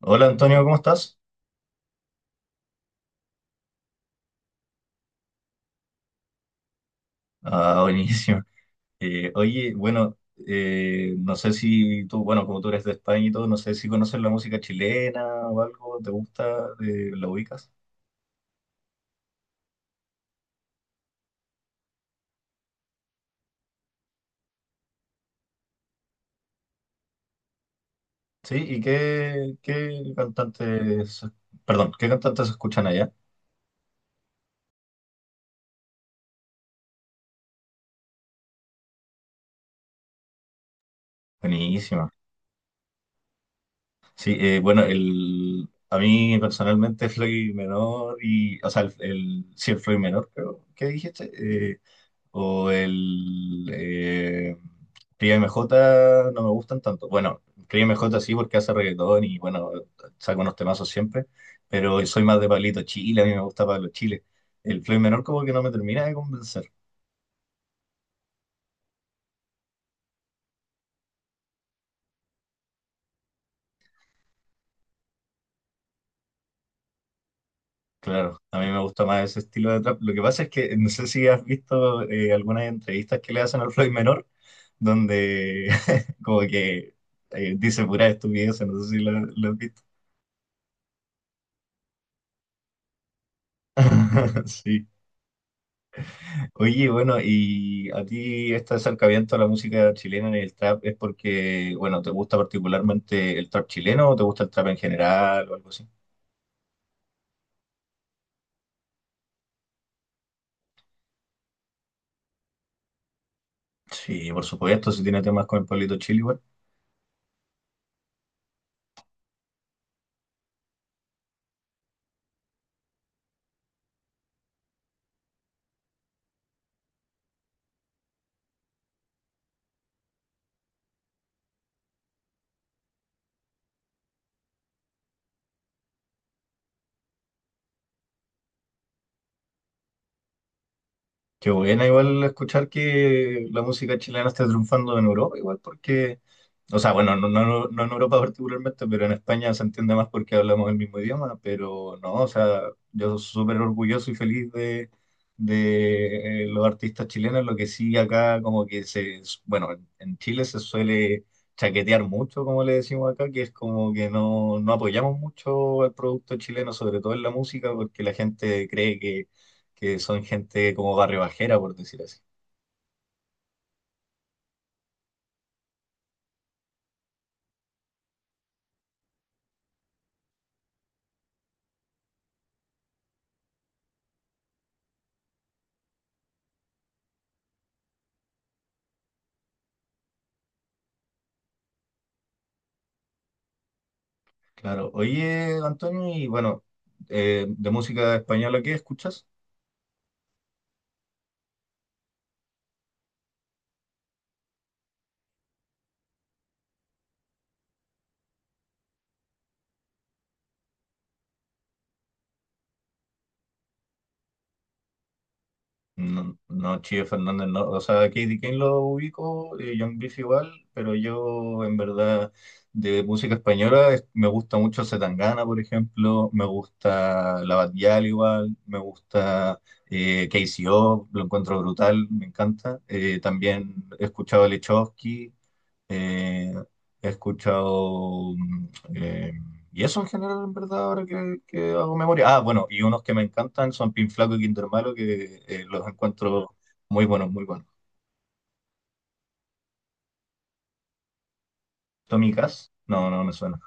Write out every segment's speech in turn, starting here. Hola Antonio, ¿cómo estás? Ah, buenísimo. Oye, bueno, no sé si tú, bueno, como tú eres de España y todo, no sé si conoces la música chilena o algo, ¿te gusta? ¿La ubicas? Sí, ¿y qué cantantes, perdón, qué cantantes escuchan allá? Buenísima. Sí, bueno, a mí personalmente Floyd Menor y, o sea, sí, el Floyd Menor, creo, ¿qué dijiste? O el Cría MJ no me gustan tanto. Bueno, Cría MJ sí porque hace reggaetón y bueno, saca unos temazos siempre, pero soy más de Pablito Chile, a mí me gusta Pablo Chile. El Floyd Menor como que no me termina de convencer. Claro, a mí me gusta más ese estilo de trap. Lo que pasa es que no sé si has visto algunas entrevistas que le hacen al Floyd Menor, donde como que dice pura estupidez, no sé si lo has visto. Sí. Oye, bueno, y a ti este acercamiento a la música chilena en el trap es porque, bueno, ¿te gusta particularmente el trap chileno o te gusta el trap en general o algo así? Sí, por supuesto, si tiene temas con el Pablito Chile, igual. Qué buena igual escuchar que la música chilena está triunfando en Europa, igual porque, o sea, bueno, no en Europa particularmente, pero en España se entiende más porque hablamos el mismo idioma, pero no, o sea, yo soy súper orgulloso y feliz de los artistas chilenos, lo que sí acá como que se, bueno, en Chile se suele chaquetear mucho, como le decimos acá, que es como que no, no apoyamos mucho al producto chileno, sobre todo en la música, porque la gente cree que son gente como barribajera, por decir así. Claro. Oye, Antonio, y bueno, de música española, ¿qué escuchas? No, no, Chío Fernández, no. O sea, Katie Kane lo ubico, John Beef igual, pero yo, en verdad, de música española me gusta mucho Zetangana, por ejemplo, me gusta La Batial igual, me gusta KCO lo encuentro brutal, me encanta. También he escuchado a Lechowski. Eh, He escuchado... eh, y eso en general, en verdad, ahora que hago memoria. Ah, bueno, y unos que me encantan son Pin Flaco y Kinder Malo, que los encuentro muy buenos, muy buenos. Tommy Cash, no, no me suena.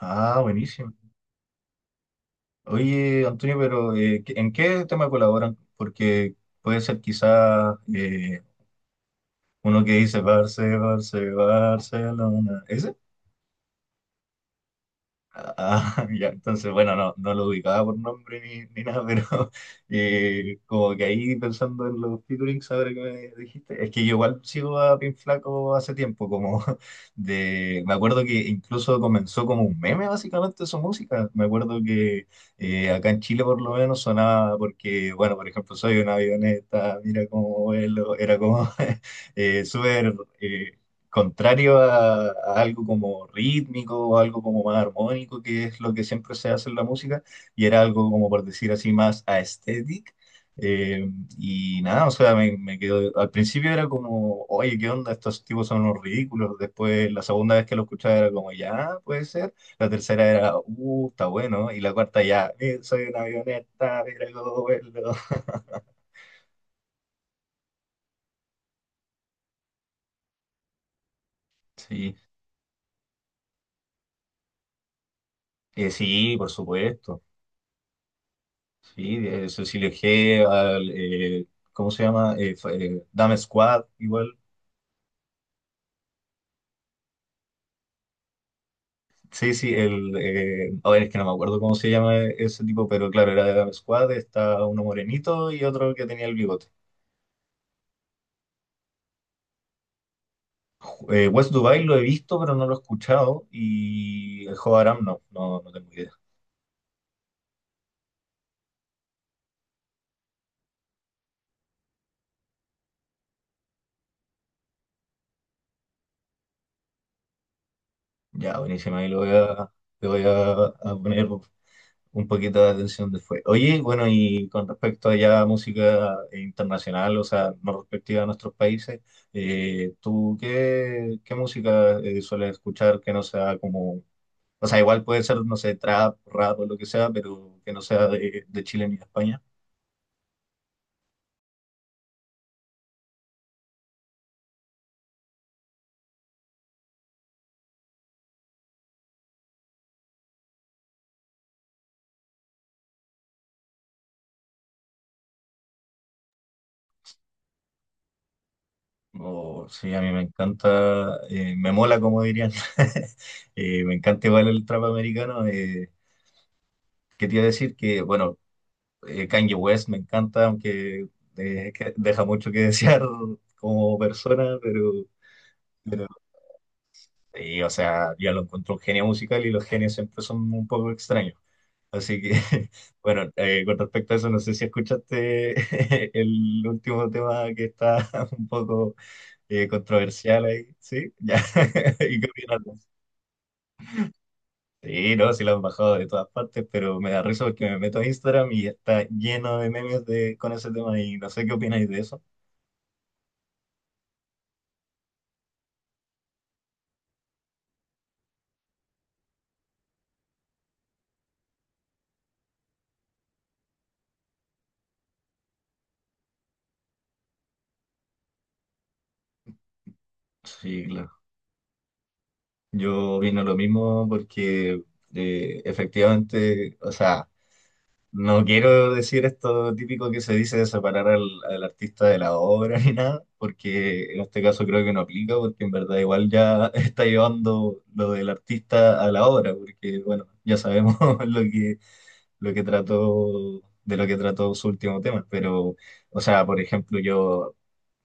Ah, buenísimo. Oye, Antonio, pero ¿en qué tema colaboran? Porque puede ser quizás uno que dice Barcelona. ¿Ese? Ah, ya, entonces, bueno, no, no lo ubicaba por nombre ni, ni nada, pero como que ahí pensando en los featurings, ahora que me dijiste, es que yo igual sigo a Pin Flaco hace tiempo, como de, me acuerdo que incluso comenzó como un meme básicamente su música, me acuerdo que acá en Chile por lo menos sonaba porque, bueno, por ejemplo, soy una avioneta, mira cómo vuelo, era como súper... eh, contrario a algo como rítmico o algo como más armónico, que es lo que siempre se hace en la música, y era algo como por decir así más aesthetic. Eh, y nada, o sea, me quedó, al principio era como, oye, ¿qué onda? Estos tipos son unos ridículos. Después, la segunda vez que lo escuchaba era como, ya, puede ser. La tercera era, está bueno. Y la cuarta ya, soy una avioneta, mira cómo vuelo". Sí, sí, por supuesto. Sí, Cecilio G, ¿cómo se llama? Dame Squad, igual. Sí, sí, el. A ver, es que no me acuerdo cómo se llama ese tipo, pero claro, era de Dame Squad, está uno morenito y otro que tenía el bigote. West Dubai lo he visto, pero no lo he escuchado. Y el Joe Aram no, no, no tengo idea. Ya, buenísima, ahí lo voy a poner un poquito de atención después. Oye, bueno, y con respecto a ya música internacional, o sea, no respectiva a nuestros países, ¿tú qué música sueles escuchar que no sea como, o sea, igual puede ser, no sé, trap, rap o lo que sea, pero que no sea de Chile ni de España? Oh, sí, a mí me encanta, me mola, como dirían. Me encanta igual el trap americano. ¿Qué te iba a decir? Que, bueno, Kanye West me encanta, aunque que deja mucho que desear como persona, pero sí, o sea, ya lo encontró un genio musical y los genios siempre son un poco extraños. Así que, bueno, con respecto a eso, no sé si escuchaste el último tema que está un poco controversial ahí, ¿sí? Ya, ¿y qué opinas? Sí, no, sí lo han bajado de todas partes, pero me da risa porque me meto a Instagram y está lleno de memes de, con ese tema y no sé qué opináis de eso. Sí, claro. Yo vino lo mismo porque efectivamente, o sea, no quiero decir esto típico que se dice de separar al artista de la obra ni nada, porque en este caso creo que no aplica, porque en verdad igual ya está llevando lo del artista a la obra, porque bueno, ya sabemos lo que, lo que trató, de lo que trató su último tema, pero, o sea, por ejemplo, yo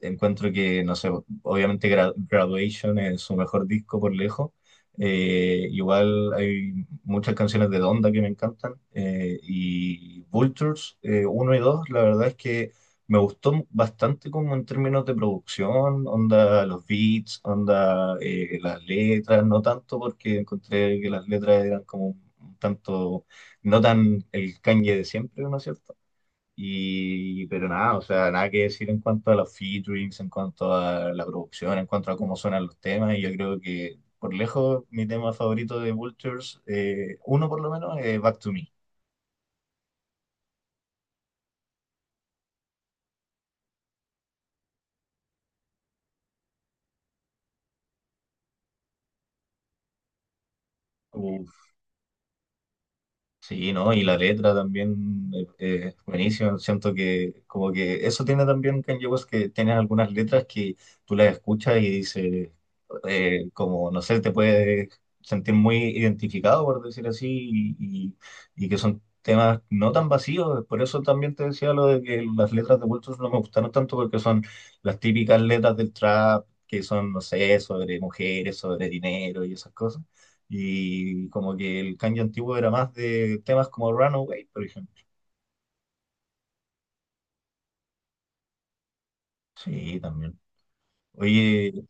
encuentro que, no sé, obviamente Graduation es su mejor disco por lejos. Igual hay muchas canciones de Donda que me encantan. Y Vultures uno y 2 la verdad es que me gustó bastante como en términos de producción, onda los beats, onda las letras, no tanto porque encontré que las letras eran como un tanto, no tan el Kanye de siempre, ¿no es cierto? Y, pero nada, o sea, nada que decir en cuanto a los featurings, en cuanto a la producción, en cuanto a cómo suenan los temas. Y yo creo que, por lejos, mi tema favorito de Vultures, uno por lo menos, es Back to Me. Uf, sí, ¿no? Y la letra también buenísimo. Siento que como que eso tiene también Kanye West, que tiene algunas letras que tú las escuchas y dices, como, no sé, te puedes sentir muy identificado, por decir así, y, y- y que son temas no tan vacíos. Por eso también te decía lo de que las letras de Vultures no me gustaron tanto porque son las típicas letras del trap, que son, no sé, sobre mujeres, sobre dinero y esas cosas. Y como que el Kanye antiguo era más de temas como Runaway, por ejemplo. Sí, también. Oye,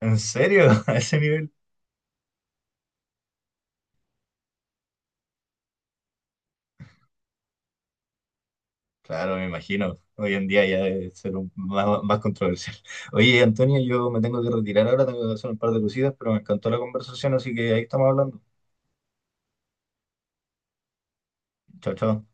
¿en serio? ¿A ese nivel? Claro, me imagino. Hoy en día ya debe ser más, más controversial. Oye, Antonio, yo me tengo que retirar ahora, tengo que hacer un par de cositas, pero me encantó la conversación, así que ahí estamos hablando. Chao, chao.